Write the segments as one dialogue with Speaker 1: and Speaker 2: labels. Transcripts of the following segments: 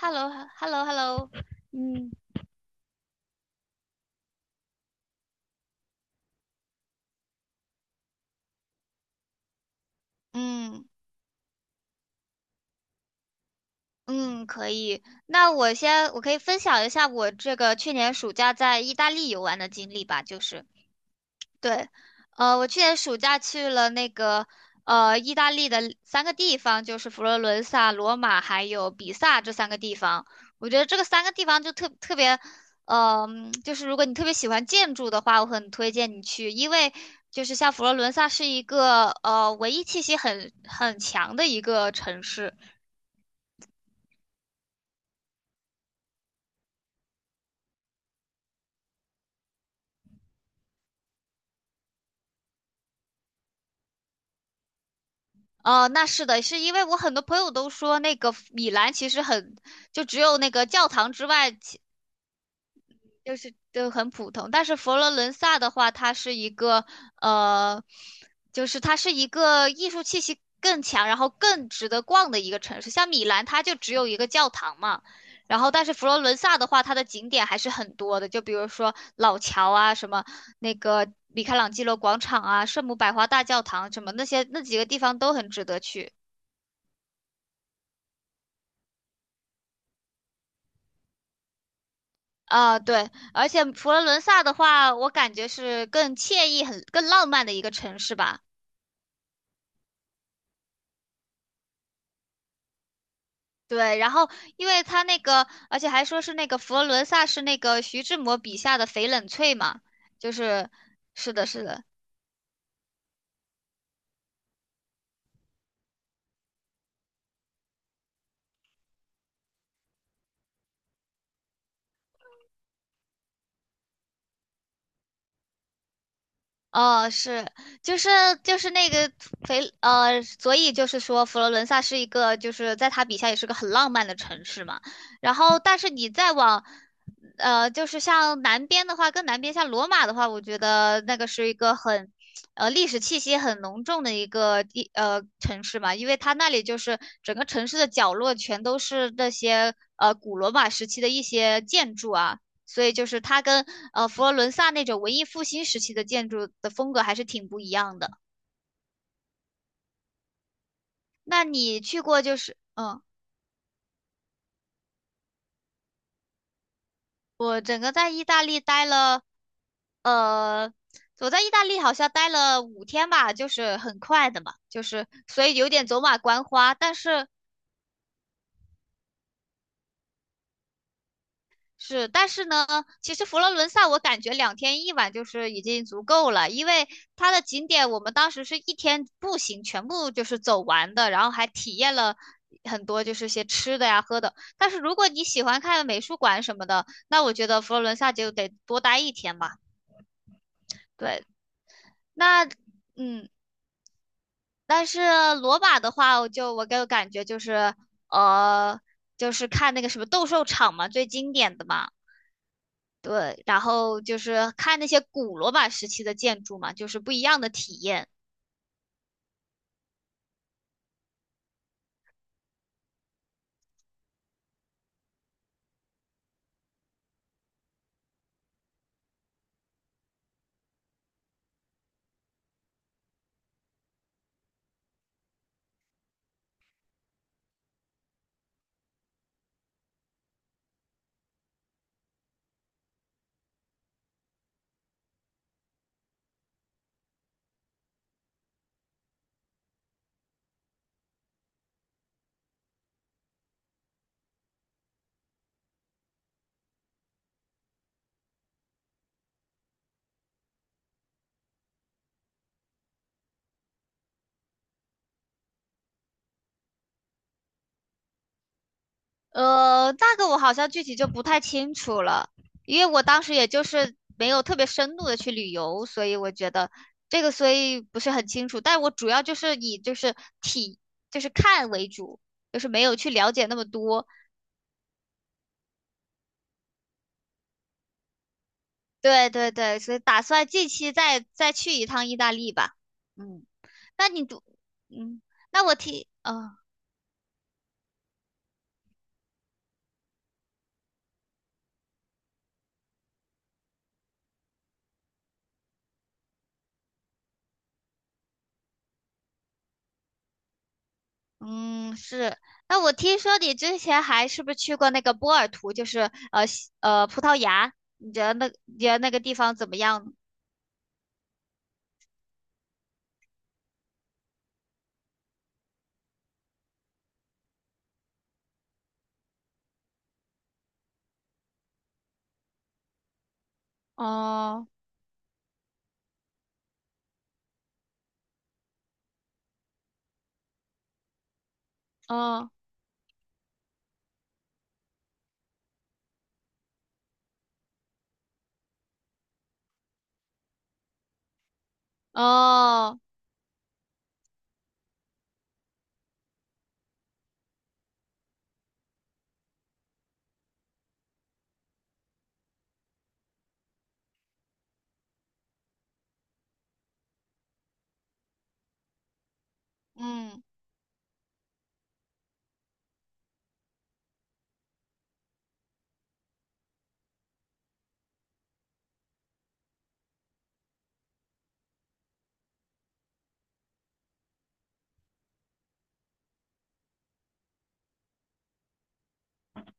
Speaker 1: h e l l o h e l l o h e l l o 嗯，嗯嗯，可以。那我先，我可以分享一下我这个去年暑假在意大利游玩的经历吧，就是。对，我去年暑假去了那个意大利的三个地方，就是佛罗伦萨、罗马还有比萨这三个地方。我觉得这个三个地方就特别，就是如果你特别喜欢建筑的话，我很推荐你去，因为就是像佛罗伦萨是一个文艺气息很强的一个城市。那是的，是因为我很多朋友都说那个米兰其实很，就只有那个教堂之外。就是都很普通，但是佛罗伦萨的话，它是一个呃，就是它是一个艺术气息更强，然后更值得逛的一个城市。像米兰，它就只有一个教堂嘛，然后但是佛罗伦萨的话，它的景点还是很多的，就比如说老桥啊，什么那个米开朗基罗广场啊，圣母百花大教堂什么那些那几个地方都很值得去。啊，对，而且佛罗伦萨的话，我感觉是更惬意、很更浪漫的一个城市吧。对，然后因为他那个，而且还说是那个佛罗伦萨是那个徐志摩笔下的翡冷翠嘛，就是，是的，是的，哦，是，就是就是那个所以就是说佛罗伦萨是一个，就是在他笔下也是个很浪漫的城市嘛。然后，但是你再往就是像南边的话，更南边像罗马的话，我觉得那个是一个很历史气息很浓重的一个城市嘛，因为它那里就是整个城市的角落全都是那些古罗马时期的一些建筑啊。所以就是它跟佛罗伦萨那种文艺复兴时期的建筑的风格还是挺不一样的。那你去过就是嗯，我整个在意大利待了呃，我在意大利好像待了五天吧，就是很快的嘛，就是所以有点走马观花，但是是，但是呢，其实佛罗伦萨我感觉两天一晚就是已经足够了，因为它的景点我们当时是一天步行全部就是走完的，然后还体验了很多就是些吃的呀、喝的。但是如果你喜欢看美术馆什么的，那我觉得佛罗伦萨就得多待一天嘛。对，那嗯，但是罗马的话，我给我感觉就是呃，就是看那个什么斗兽场嘛，最经典的嘛。对，然后就是看那些古罗马时期的建筑嘛，就是不一样的体验。那个我好像具体就不太清楚了，因为我当时也就是没有特别深度的去旅游，所以我觉得这个所以不是很清楚。但我主要就是以就是体就是看为主，就是没有去了解那么多。对对对，所以打算近期再去一趟意大利吧。嗯，那你读，嗯，那我听，嗯、嗯，是。那我听说你之前还是不是去过那个波尔图，就是呃西呃葡萄牙？你觉得那你觉得那个地方怎么样呢哦哦哦，嗯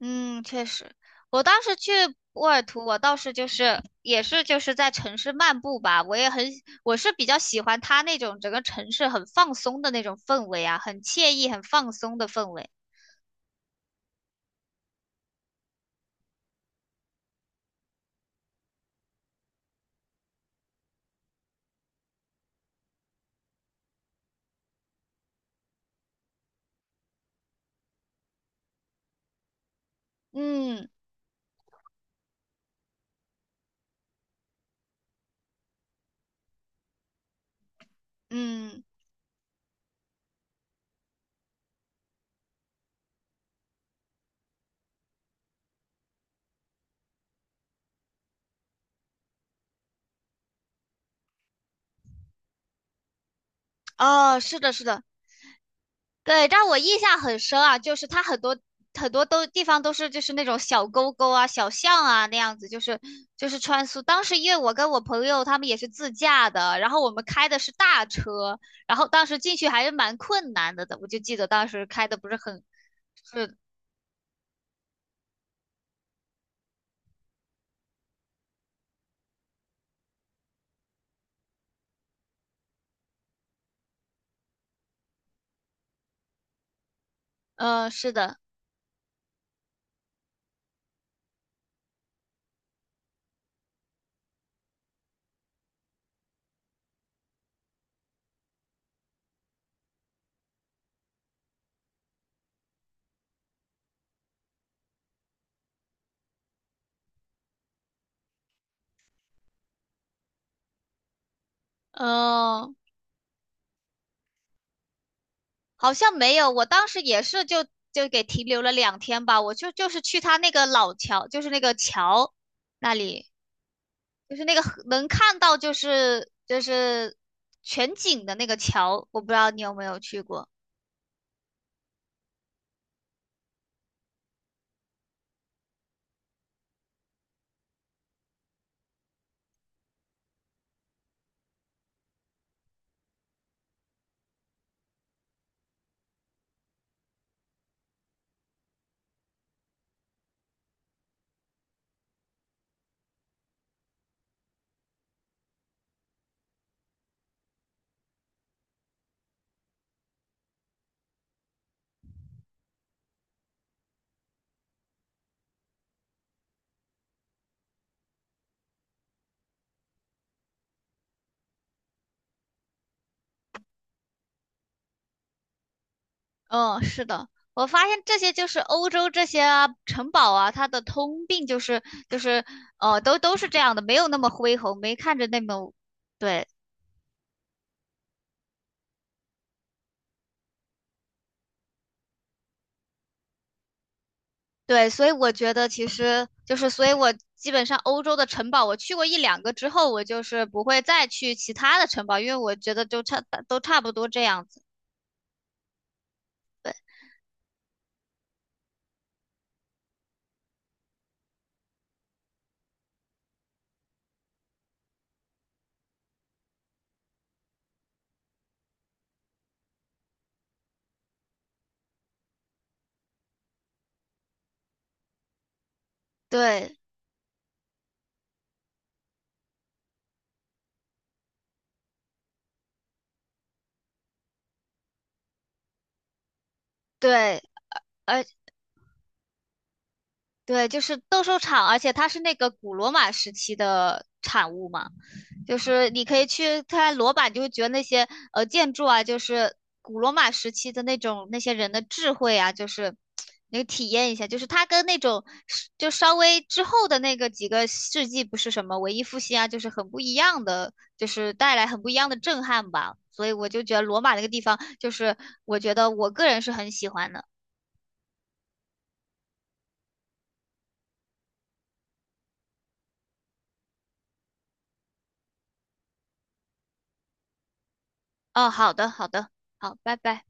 Speaker 1: 嗯，确实，我当时去波尔图，我倒是就是也是就是在城市漫步吧，我也很我是比较喜欢它那种整个城市很放松的那种氛围啊，很惬意、很放松的氛围。嗯嗯，哦，是的，是的，对，但我印象很深啊，就是它很多很多地方都是就是那种小沟沟啊、小巷啊那样子，就是就是穿梭。当时因为我跟我朋友他们也是自驾的，然后我们开的是大车，然后当时进去还是蛮困难的，我就记得当时开的不是很，是，嗯是的，嗯、好像没有，我当时也是就就给停留了两天吧，我就是去他那个老桥，就是那个桥那里。就是那个河能看到就是就是全景的那个桥，我不知道你有没有去过。嗯，是的，我发现这些就是欧洲这些啊城堡啊，它的通病就是就是都是这样的，没有那么恢宏，没看着那么对对，所以我觉得其实就是，所以我基本上欧洲的城堡我去过一两个之后，我就是不会再去其他的城堡，因为我觉得就差都差不多这样子。对对对，而。对，就是斗兽场，而且它是那个古罗马时期的产物嘛，就是你可以去看罗马，你就会觉得那些建筑啊，就是古罗马时期的那种那些人的智慧啊，就是你体验一下，就是它跟那种是就稍微之后的那个几个世纪不是什么文艺复兴啊，就是很不一样的，就是带来很不一样的震撼吧。所以我就觉得罗马那个地方，就是我觉得我个人是很喜欢的。哦，好的，好的，好，拜拜。